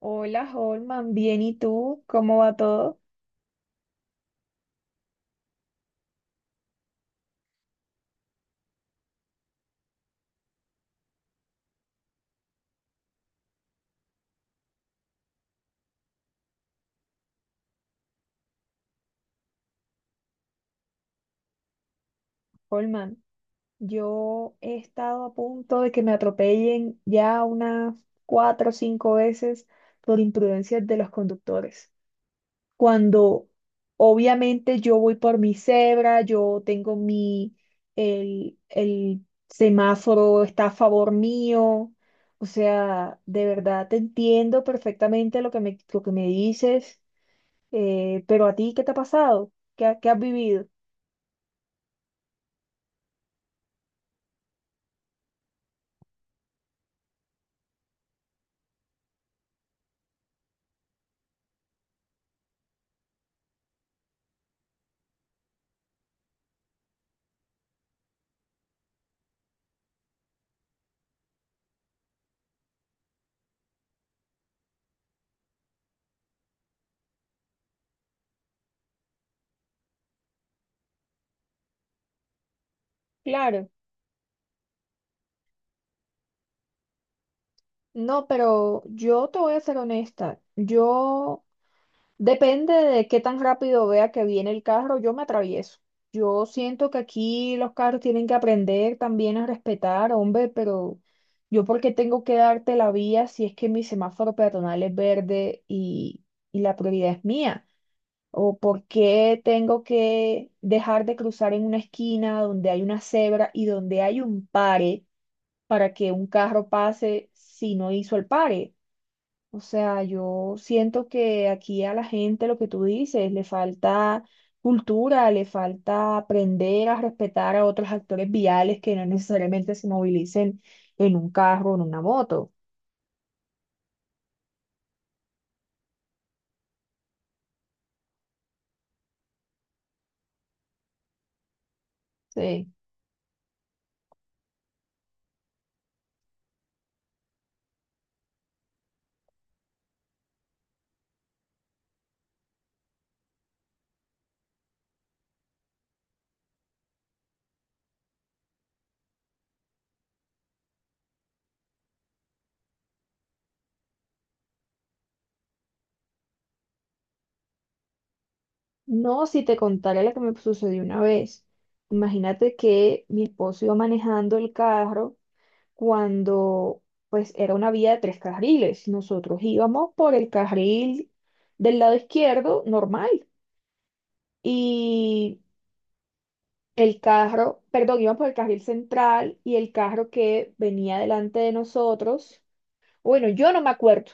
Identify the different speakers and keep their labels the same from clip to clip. Speaker 1: Hola, Holman, bien, ¿y tú? ¿Cómo va todo? Holman, yo he estado a punto de que me atropellen ya unas 4 o 5 veces por imprudencias de los conductores. Cuando obviamente yo voy por mi cebra, yo tengo el semáforo está a favor mío. O sea, de verdad te entiendo perfectamente lo que me dices, pero a ti, ¿qué te ha pasado? ¿Qué has vivido? Claro, no, pero yo te voy a ser honesta. Yo, depende de qué tan rápido vea que viene el carro, yo me atravieso. Yo siento que aquí los carros tienen que aprender también a respetar, hombre, pero yo porque tengo que darte la vía si es que mi semáforo peatonal es verde y la prioridad es mía. O por qué tengo que dejar de cruzar en una esquina donde hay una cebra y donde hay un pare para que un carro pase si no hizo el pare. O sea, yo siento que aquí a la gente lo que tú dices, le falta cultura, le falta aprender a respetar a otros actores viales que no necesariamente se movilicen en un carro o en una moto. Sí. No, si te contara lo que me sucedió una vez. Imagínate que mi esposo iba manejando el carro cuando pues era una vía de tres carriles. Nosotros íbamos por el carril del lado izquierdo normal y perdón, íbamos por el carril central y el carro que venía delante de nosotros bueno, yo no me acuerdo.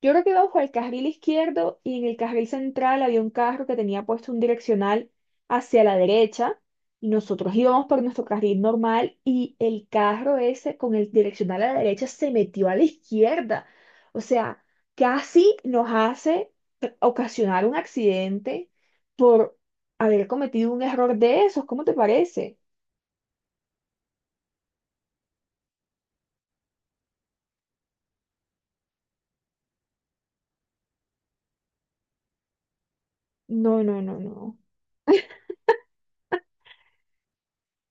Speaker 1: Yo creo que iba bajo el carril izquierdo y en el carril central había un carro que tenía puesto un direccional hacia la derecha y nosotros íbamos por nuestro carril normal y el carro ese con el direccional a la derecha se metió a la izquierda. O sea, casi nos hace ocasionar un accidente por haber cometido un error de esos. ¿Cómo te parece? No, no, no, no.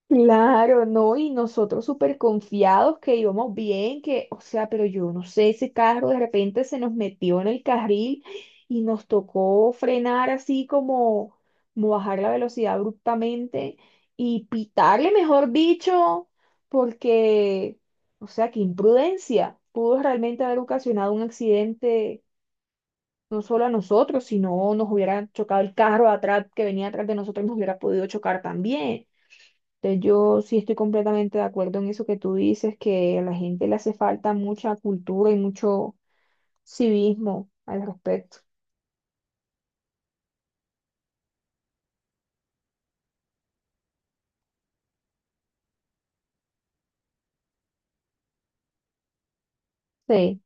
Speaker 1: Claro, no, y nosotros súper confiados que íbamos bien, que, o sea, pero yo no sé, ese carro de repente se nos metió en el carril y nos tocó frenar así como, como bajar la velocidad abruptamente y pitarle, mejor dicho, porque, o sea, qué imprudencia, pudo realmente haber ocasionado un accidente no solo a nosotros, sino nos hubiera chocado el carro atrás que venía atrás de nosotros y nos hubiera podido chocar también. Entonces, yo sí estoy completamente de acuerdo en eso que tú dices, que a la gente le hace falta mucha cultura y mucho civismo al respecto. Sí.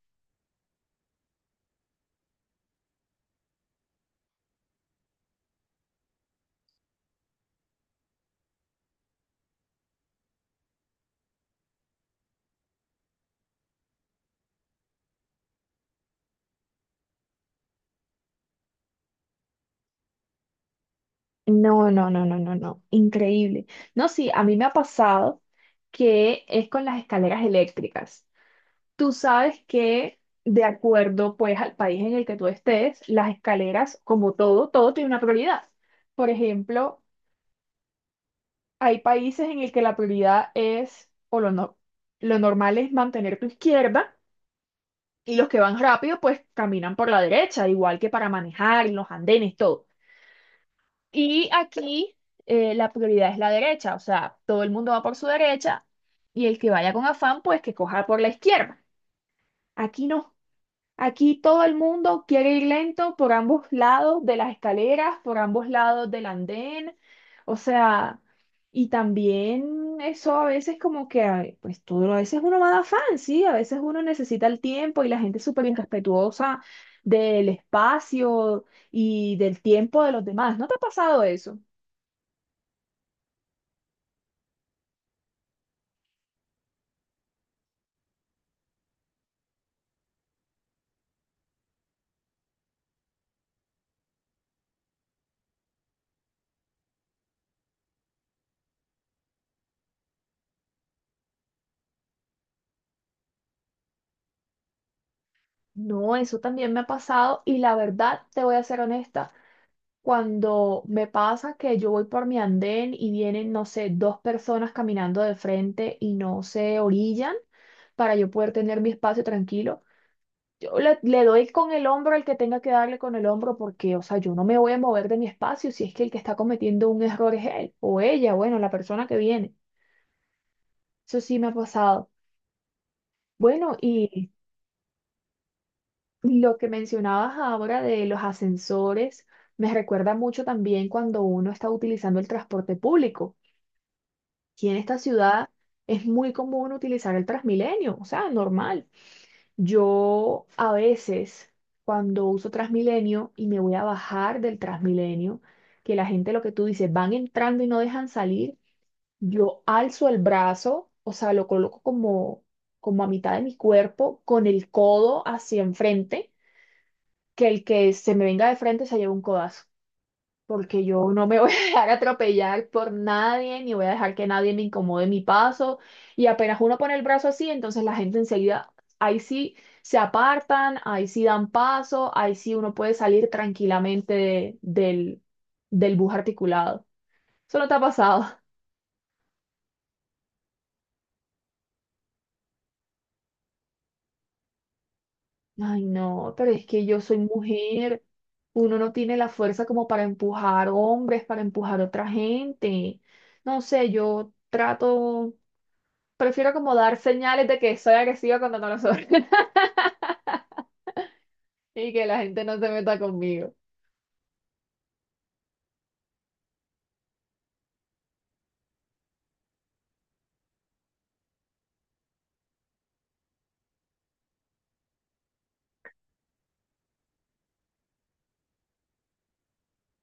Speaker 1: No, no, no, no, no, no. Increíble. No, sí, a mí me ha pasado que es con las escaleras eléctricas. Tú sabes que de acuerdo pues al país en el que tú estés, las escaleras, como todo, todo tiene una prioridad. Por ejemplo, hay países en el que la prioridad es, no, lo normal es mantener tu izquierda. Y los que van rápido, pues caminan por la derecha, igual que para manejar, en los andenes, todo. Y aquí la prioridad es la derecha, o sea, todo el mundo va por su derecha y el que vaya con afán, pues que coja por la izquierda. Aquí no, aquí todo el mundo quiere ir lento por ambos lados de las escaleras, por ambos lados del andén, o sea, y también eso a veces como que, ay, pues todo, a veces uno va de afán, ¿sí? A veces uno necesita el tiempo y la gente es súper irrespetuosa del espacio y del tiempo de los demás. ¿No te ha pasado eso? No, eso también me ha pasado y la verdad, te voy a ser honesta. Cuando me pasa que yo voy por mi andén y vienen, no sé, dos personas caminando de frente y no se orillan para yo poder tener mi espacio tranquilo, yo le doy con el hombro al que tenga que darle con el hombro porque, o sea, yo no me voy a mover de mi espacio si es que el que está cometiendo un error es él o ella, bueno, la persona que viene. Eso sí me ha pasado. Bueno, y lo que mencionabas ahora de los ascensores me recuerda mucho también cuando uno está utilizando el transporte público. Aquí en esta ciudad es muy común utilizar el Transmilenio, o sea, normal. Yo a veces, cuando uso Transmilenio y me voy a bajar del Transmilenio, que la gente, lo que tú dices, van entrando y no dejan salir, yo alzo el brazo, o sea, lo coloco como, como a mitad de mi cuerpo, con el codo hacia enfrente, que el que se me venga de frente se lleva un codazo porque yo no me voy a dejar atropellar por nadie, ni voy a dejar que nadie me incomode mi paso. Y apenas uno pone el brazo así, entonces la gente enseguida, ahí sí se apartan, ahí sí dan paso, ahí sí uno puede salir tranquilamente del bus articulado. Eso no te ha pasado. Ay, no, pero es que yo soy mujer. Uno no tiene la fuerza como para empujar hombres, para empujar otra gente. No sé, yo trato. Prefiero como dar señales de que soy agresiva cuando no lo soy y que la gente no se meta conmigo.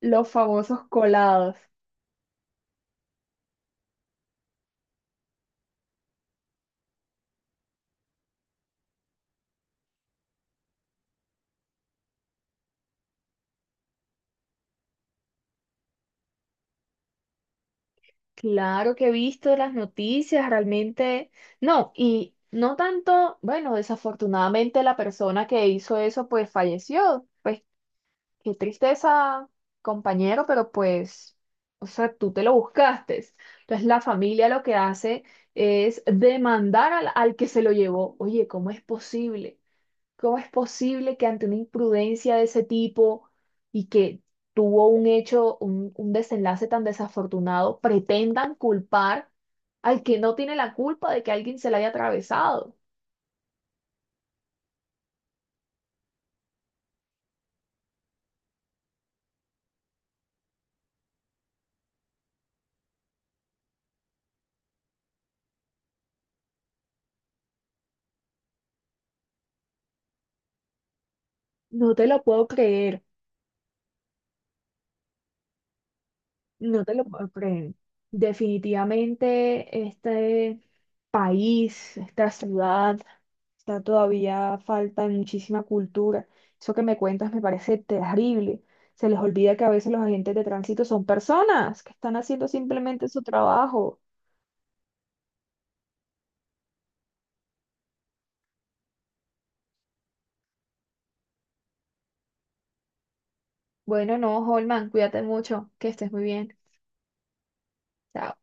Speaker 1: Los famosos colados. Claro que he visto las noticias, realmente. No, y no tanto, bueno, desafortunadamente la persona que hizo eso pues falleció. Pues qué tristeza, compañero, pero pues, o sea, tú te lo buscaste. Entonces la familia lo que hace es demandar al que se lo llevó. Oye, ¿cómo es posible? ¿Cómo es posible que ante una imprudencia de ese tipo y que tuvo un hecho, un desenlace tan desafortunado, pretendan culpar al que no tiene la culpa de que alguien se la haya atravesado? No te lo puedo creer. No te lo puedo creer. Definitivamente este país, esta ciudad, está todavía falta de muchísima cultura. Eso que me cuentas me parece terrible. Se les olvida que a veces los agentes de tránsito son personas que están haciendo simplemente su trabajo. Bueno, no, Holman, cuídate mucho, que estés muy bien. Chao.